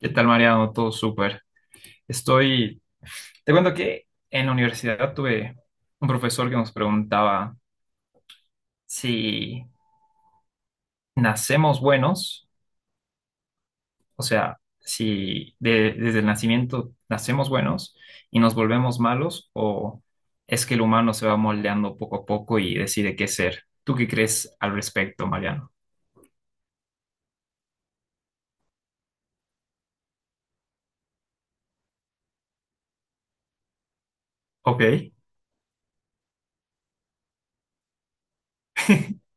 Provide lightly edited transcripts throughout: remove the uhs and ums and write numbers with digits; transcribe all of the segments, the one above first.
¿Qué tal, Mariano? Todo súper. Estoy. Te cuento que en la universidad tuve un profesor que nos preguntaba si nacemos buenos, o sea, si desde el nacimiento nacemos buenos y nos volvemos malos, o es que el humano se va moldeando poco a poco y decide qué ser. ¿Tú qué crees al respecto, Mariano? Ok.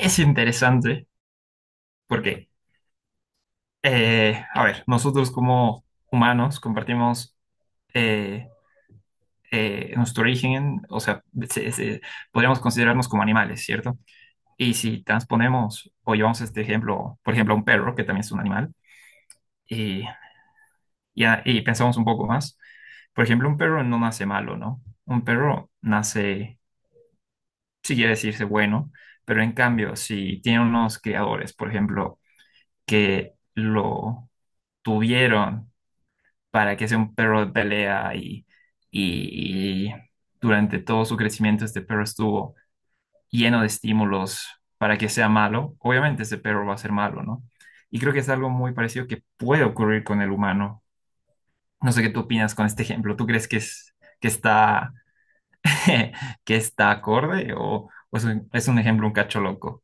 Es interesante porque, a ver, nosotros como humanos compartimos. eh, nuestro origen, o sea, se- se- podríamos considerarnos como animales, ¿cierto? Y si transponemos o llevamos este ejemplo, por ejemplo, a un perro, que también es un animal, y, y pensamos un poco más, por ejemplo, un perro no nace malo, ¿no? Un perro nace, si quiere decirse, bueno, pero en cambio, si tiene unos criadores, por ejemplo, que lo tuvieron para que sea un perro de pelea y, y durante todo su crecimiento este perro estuvo lleno de estímulos para que sea malo, obviamente ese perro va a ser malo, ¿no? Y creo que es algo muy parecido que puede ocurrir con el humano. No sé qué tú opinas con este ejemplo. ¿Tú crees que es que está que está acorde o es un ejemplo un cacho loco?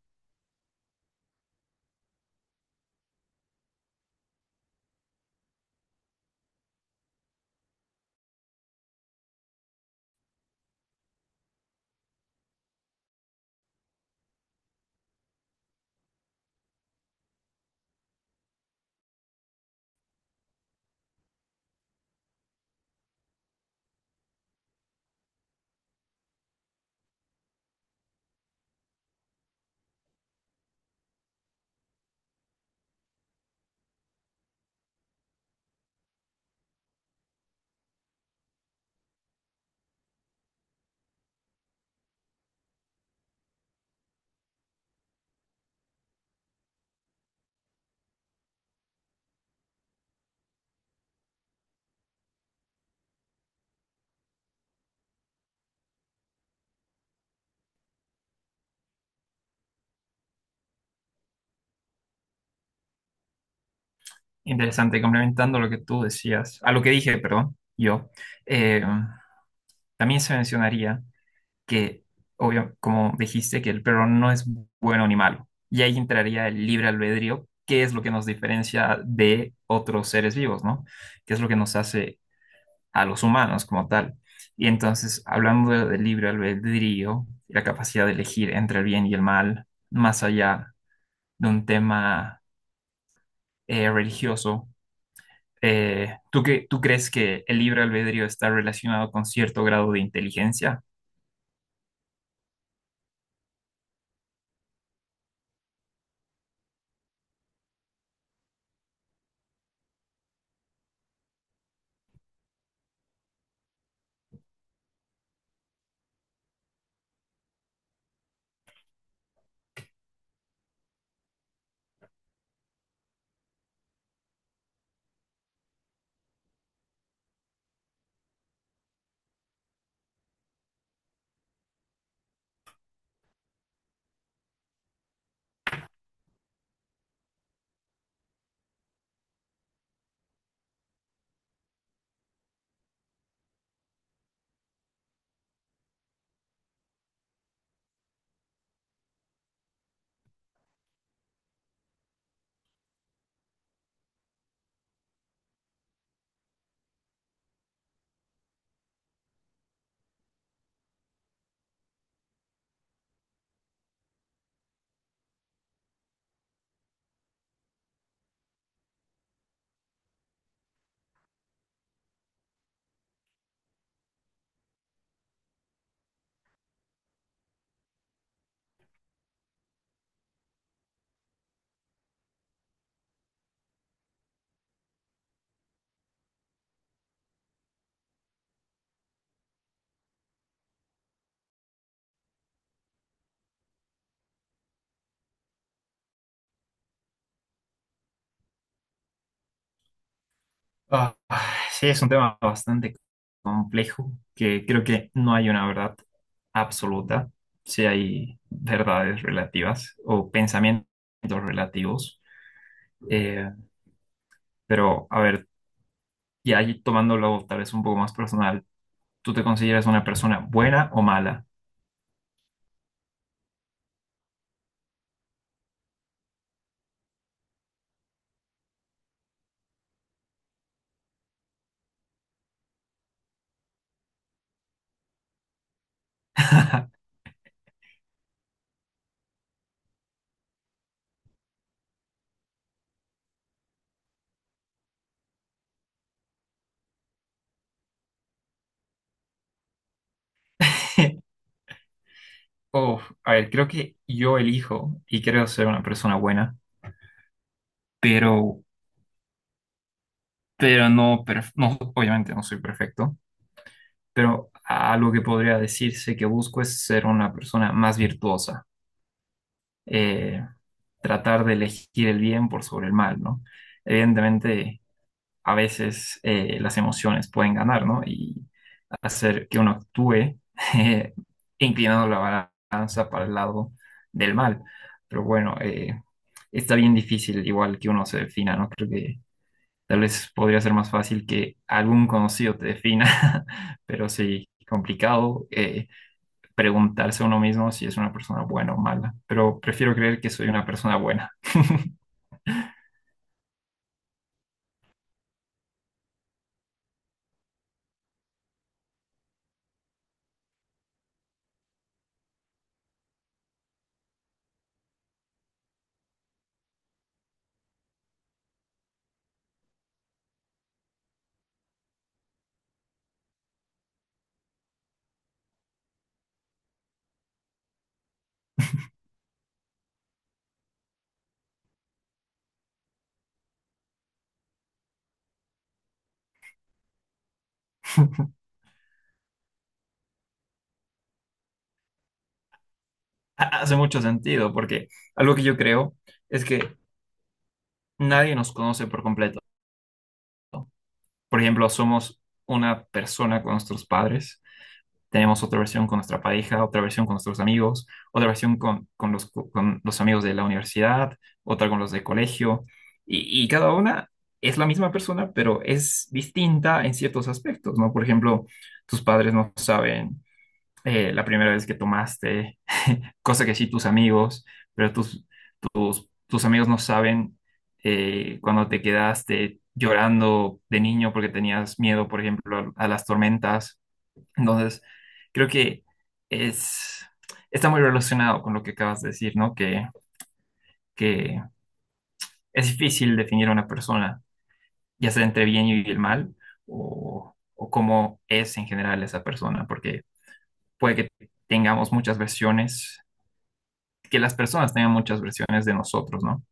Interesante, complementando lo que tú decías, a lo que dije, perdón, yo, eh, también se mencionaría que, obvio, como dijiste, que el perro no es bueno ni malo. Y ahí entraría el libre albedrío, que es lo que nos diferencia de otros seres vivos, ¿no? Que es lo que nos hace a los humanos como tal. Y entonces, hablando del libre albedrío, la capacidad de elegir entre el bien y el mal, más allá de un tema religioso, ¿tú, tú crees que el libre albedrío está relacionado con cierto grado de inteligencia? Ah, sí, es un tema bastante complejo que creo que no hay una verdad absoluta. Sí hay verdades relativas o pensamientos relativos. Eh, pero, a ver, y ahí tomándolo tal vez un poco más personal, ¿tú te consideras una persona buena o mala? Uf, a ver, creo que yo elijo y creo ser una persona buena, pero, no, obviamente no soy perfecto. Pero algo que podría decirse que busco es ser una persona más virtuosa, eh, tratar de elegir el bien por sobre el mal, ¿no? Evidentemente, a veces las emociones pueden ganar, ¿no? Y hacer que uno actúe eh, inclinando la balanza para el lado del mal. Pero bueno, está bien difícil igual que uno se defina, ¿no? Creo que tal vez podría ser más fácil que algún conocido te defina, pero sí, complicado, preguntarse a uno mismo si es una persona buena o mala. Pero prefiero creer que soy una persona buena. Hace mucho sentido, porque algo que yo creo es que nadie nos conoce por completo. Por ejemplo, somos una persona con nuestros padres. Tenemos otra versión con nuestra pareja, otra versión con nuestros amigos, otra versión con los amigos de la universidad, otra con los de colegio. Y cada una es la misma persona, pero es distinta en ciertos aspectos, ¿no? Por ejemplo, tus padres no saben, la primera vez que tomaste, cosa que sí tus amigos, pero tus, tus amigos no saben, cuando te quedaste llorando de niño porque tenías miedo, por ejemplo, a las tormentas, entonces, creo que es, está muy relacionado con lo que acabas de decir, ¿no? Que es difícil definir a una persona, ya sea entre bien y el mal, o cómo es en general esa persona, porque puede que tengamos muchas versiones, que las personas tengan muchas versiones de nosotros, ¿no?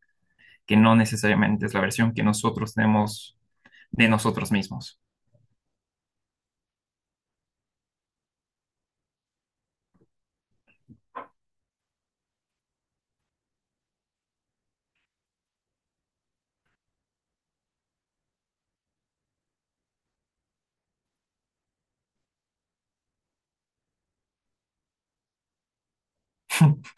Que no necesariamente es la versión que nosotros tenemos de nosotros mismos.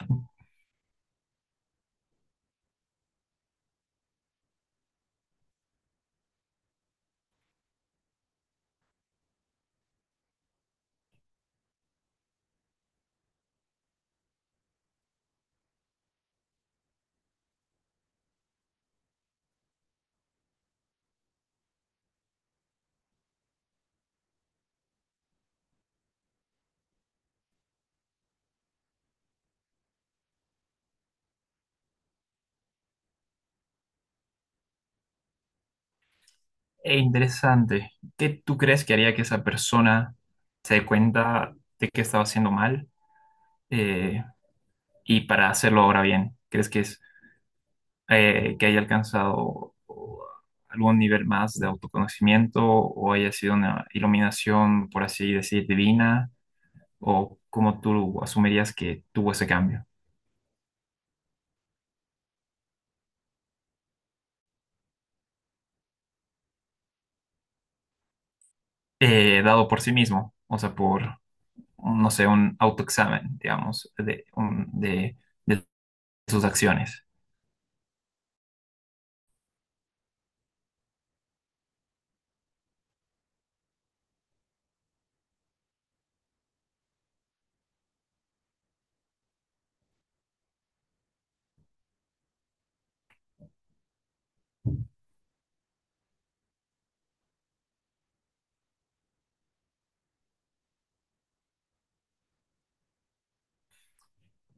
E interesante, ¿qué tú crees que haría que esa persona se dé cuenta de que estaba haciendo mal? eh, ¿Y para hacerlo ahora bien? ¿Crees que es que haya alcanzado o, algún nivel más de autoconocimiento o haya sido una iluminación, por así decir, divina? ¿O cómo tú asumirías que tuvo ese cambio? Dado por sí mismo, o sea, por, no sé, un autoexamen, digamos, de, de sus acciones.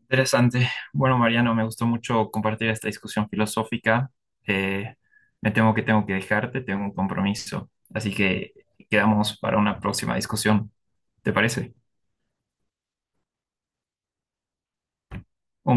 Interesante. Bueno, Mariano, me gustó mucho compartir esta discusión filosófica. Eh, Me temo que tengo que dejarte, tengo un compromiso. Así que quedamos para una próxima discusión. ¿Te parece? Un